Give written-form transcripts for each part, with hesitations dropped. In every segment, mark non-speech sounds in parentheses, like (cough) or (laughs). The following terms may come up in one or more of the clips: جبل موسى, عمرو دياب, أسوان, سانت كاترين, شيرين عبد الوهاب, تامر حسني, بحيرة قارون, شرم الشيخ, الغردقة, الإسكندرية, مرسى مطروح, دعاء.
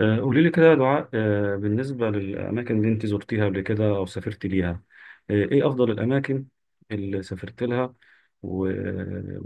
قولي لي كده يا دعاء، بالنسبة للأماكن اللي أنت زرتيها قبل كده أو سافرت ليها. إيه أفضل الأماكن اللي سافرت لها و...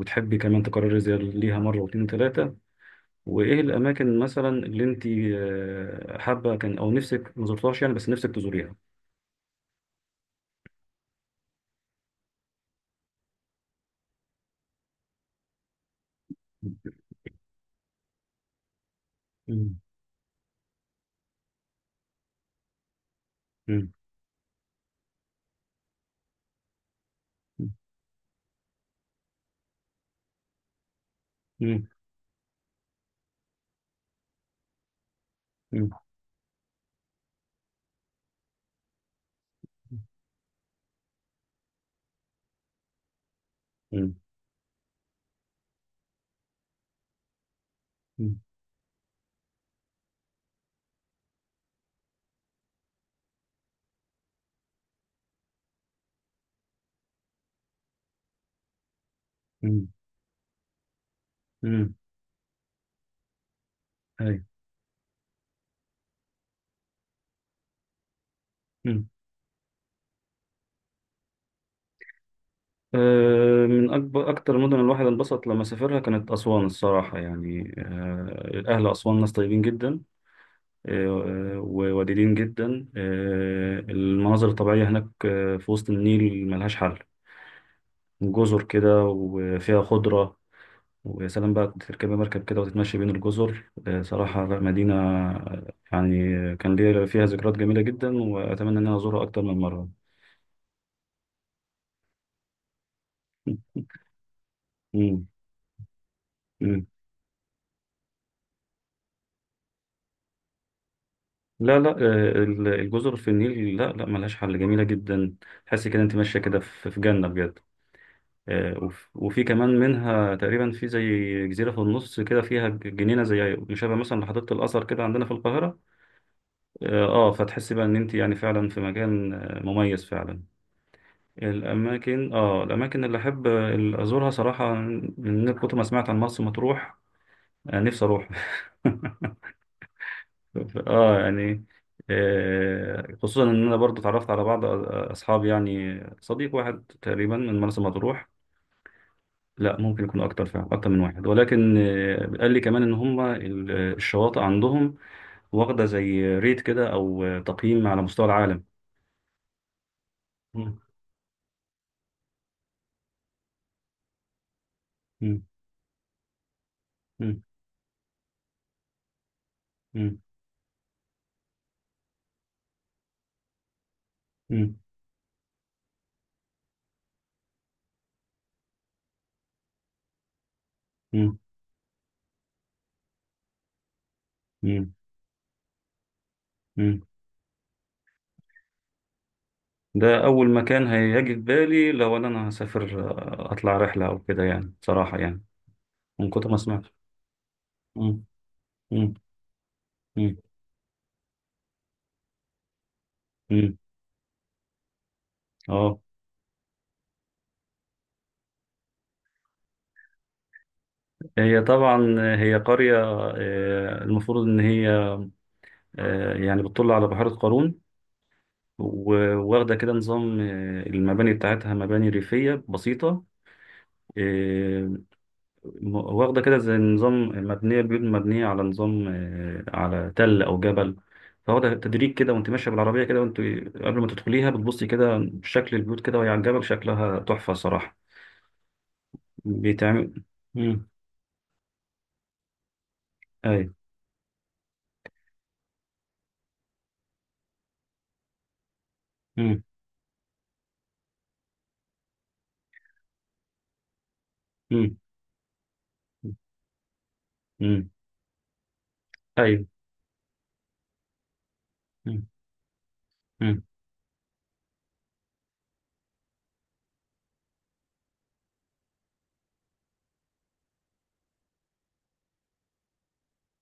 وتحبي كمان تكرري زي ليها مرة واتنين تلاتة. وإيه الأماكن مثلا اللي أنت حابة كان أو نفسك ما زرتهاش، يعني بس نفسك تزوريها. مم. مم. مم. مم. مم. مم. مم. مم. أيوة. من أكتر المدن الواحد انبسط لما سافرها كانت أسوان الصراحة، يعني أهل أسوان ناس طيبين جدا، وودودين جدا. المناظر الطبيعية هناك، في وسط النيل ملهاش حل، جزر كده وفيها خضرة. ويا سلام بقى، كنت تركب مركب كده وتتمشي بين الجزر. صراحة لا مدينة، يعني كان ليا فيها ذكريات جميلة جدا، وأتمنى إن أنا أزورها أكتر من مرة. مم. مم. لا، لا، الجزر في النيل لا، لا، ملهاش حل، جميلة جدا. تحس كده انت ماشية كده في جنة بجد. آه، وف- وفي كمان منها تقريبا في زي جزيرة في النص كده، فيها جنينة زي مشابه مثلا لحديقة الأزهر كده عندنا في القاهرة. فتحس بقى ان انت يعني فعلا في مكان مميز فعلا. الأماكن اللي أحب أزورها صراحة، من كتر ما سمعت عن مرسى مطروح، نفسي أروح. (laughs) ف- اه يعني خصوصا ان انا برضو اتعرفت على بعض اصحابي، يعني صديق واحد تقريبا من مرسى مطروح. لا، ممكن يكون اكتر، فعلا اكتر من واحد، ولكن قال لي كمان ان هم الشواطئ عندهم واخده زي ريت كده، او تقييم على مستوى العالم. مم. مم. مم. مم. مم. مم. مم. مم. ده اول مكان هيجي في بالي لو انا هسافر، اطلع رحله او كده يعني، صراحه يعني، من كتر ما سمعت. مم. مم. مم. اه. هي طبعا، قرية، المفروض إن هي، يعني بتطل على بحيرة قارون، و- وواخدة كده نظام، المباني بتاعتها مباني ريفية بسيطة. آه، واخدة كده زي نظام، مبنية بيوت مبنية على نظام على تل أو جبل، فواخدة تدريج كده. وأنت ماشية بالعربية كده، وأنت قبل ما تدخليها بتبصي كده شكل البيوت كده وهي على الجبل، شكلها تحفة صراحة. بيتعمل. مم. أيوه. مم. مم. مم. أيوه. مم.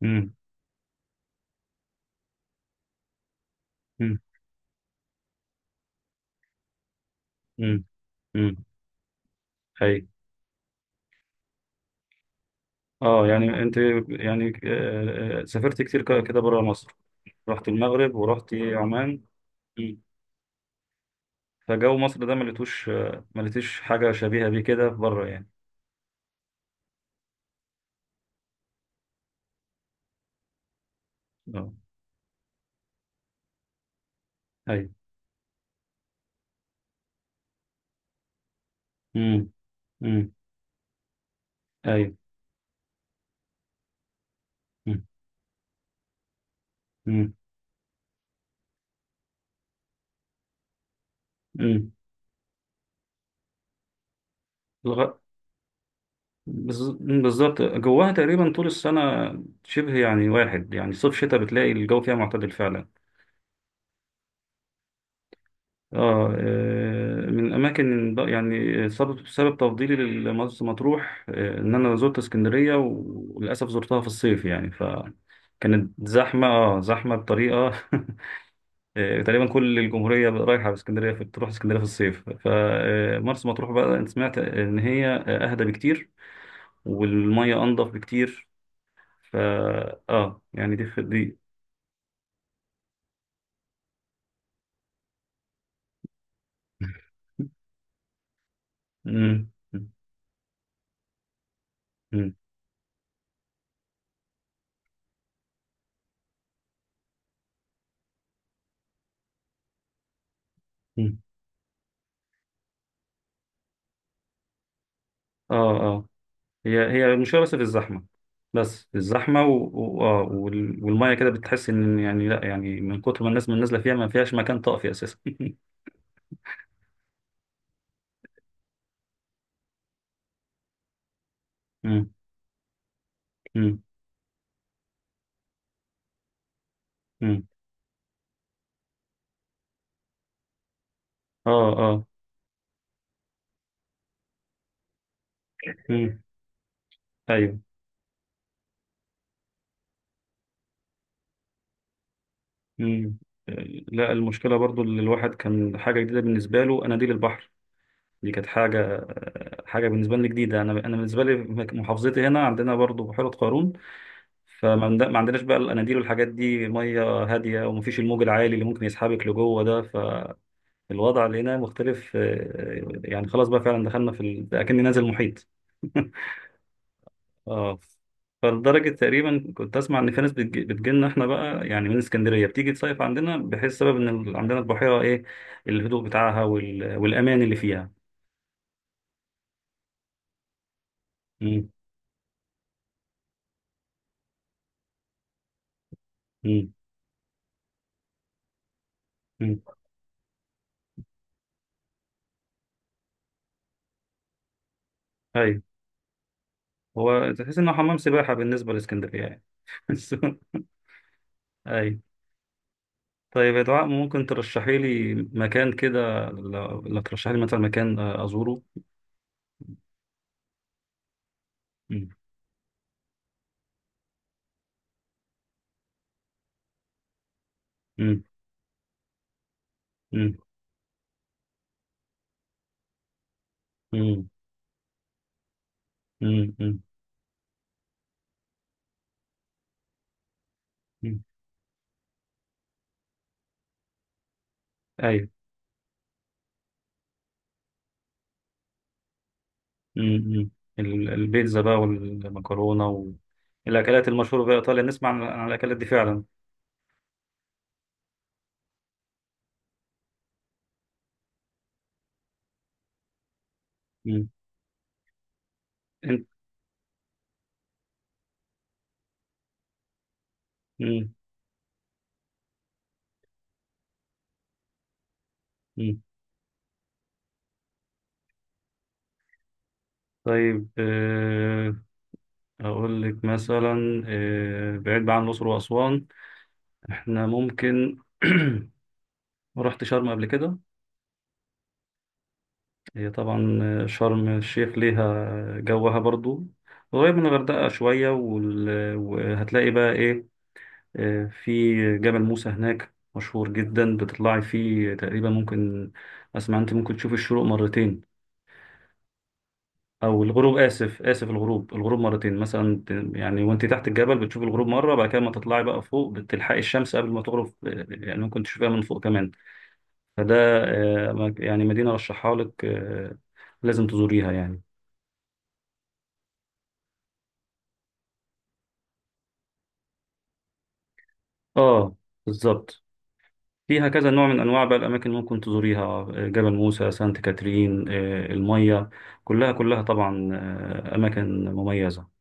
امم. امم. امم. امم. اي. اه، يعني انت، سافرت كتير كده بره مصر، رحت المغرب ورحت عمان. مم. فجو مصر ده ما لقيتوش آه، ما لقيتش حاجه شبيهه بيه كده بره يعني. اه. اي. امم. امم. اي. امم. امم. أمم. الغ... بالظبط، جواها تقريبا طول السنه شبه يعني واحد، يعني صيف شتاء بتلاقي الجو فيها معتدل فعلا. اه. من الاماكن يعني، سبب تفضيلي لمرسى مطروح ان انا زرت اسكندريه، وللاسف زرتها في الصيف يعني، فكانت زحمه، زحمه بطريقه. (laughs) تقريبا كل الجمهوريه رايحه في اسكندريه، تروح اسكندريه في الصيف. فمرسى مطروح بقى، أنا سمعت ان هي اهدى بكتير، والميه انضف بكتير. فا اه يعني، دي. (laughs) مم. مم. مم. اه. آه. هي المشكله، بس في الزحمه، بس في الزحمه و... و... آه، وال- والميه كده بتحس ان يعني، لا يعني، من كتر ما الناس من نازله فيها ما فيهاش مكان طافي اساسا. (laughs) مم. مم. مم. اه، اه. مم. ايوه. مم. لا، المشكله برضو اللي الواحد كان حاجه جديده بالنسبه له اناديل البحر. دي كانت حاجه بالنسبه لي جديده. انا بالنسبه لي محافظتي هنا، عندنا برضو بحيره قارون، ما عندناش بقى الاناديل والحاجات دي، ميه هاديه ومفيش الموج العالي اللي ممكن يسحبك لجوه ده. الوضع لقيناه مختلف، يعني خلاص بقى فعلا دخلنا في اكني نازل محيط. (laughs) اه. فلدرجة تقريبا كنت أسمع إن في ناس بتجيلنا إحنا بقى، يعني من اسكندرية بتيجي تصيف عندنا، بحيث سبب إن عندنا البحيرة إيه، الهدوء بتاعها وال... والأمان اللي فيها. مم. مم. مم. أيوة. هو تحس إنه حمام سباحة بالنسبة لإسكندرية يعني. (laughs) أيوة. طيب يا دعاء، ممكن ترشحي لي مكان كده، لو ترشحي لي مثلا مكان أزوره؟ مم. مم. مم. مم. مم. مم. مم. ايوه. مم. مم. البيتزا بقى والمكرونه، والاكلات المشهوره في ايطاليا، نسمع عن الاكلات دي فعلا. مم. انت. مم. مم. طيب، اقول لك مثلا بعيد بقى عن الاقصر واسوان، احنا ممكن. (clears throat) رحت شرم قبل كده؟ هي طبعا شرم الشيخ ليها جوها برضو، قريب من الغردقه شويه، وال- وهتلاقي بقى ايه، في جبل موسى هناك مشهور جدا، بتطلعي فيه تقريبا، ممكن اسمع انت ممكن تشوف الشروق مرتين، او الغروب، اسف اسف، الغروب، مرتين مثلا. يعني وانت تحت الجبل بتشوف الغروب مره، بعد كده ما تطلعي بقى فوق بتلحقي الشمس قبل ما تغرب، يعني ممكن تشوفيها من فوق كمان. فده يعني مدينه رشحها لك، لازم تزوريها يعني. اه، بالظبط. فيها كذا نوع من انواع بقى الاماكن اللي ممكن تزوريها، جبل موسى، سانت كاترين، الميه، كلها كلها طبعا اماكن مميزه.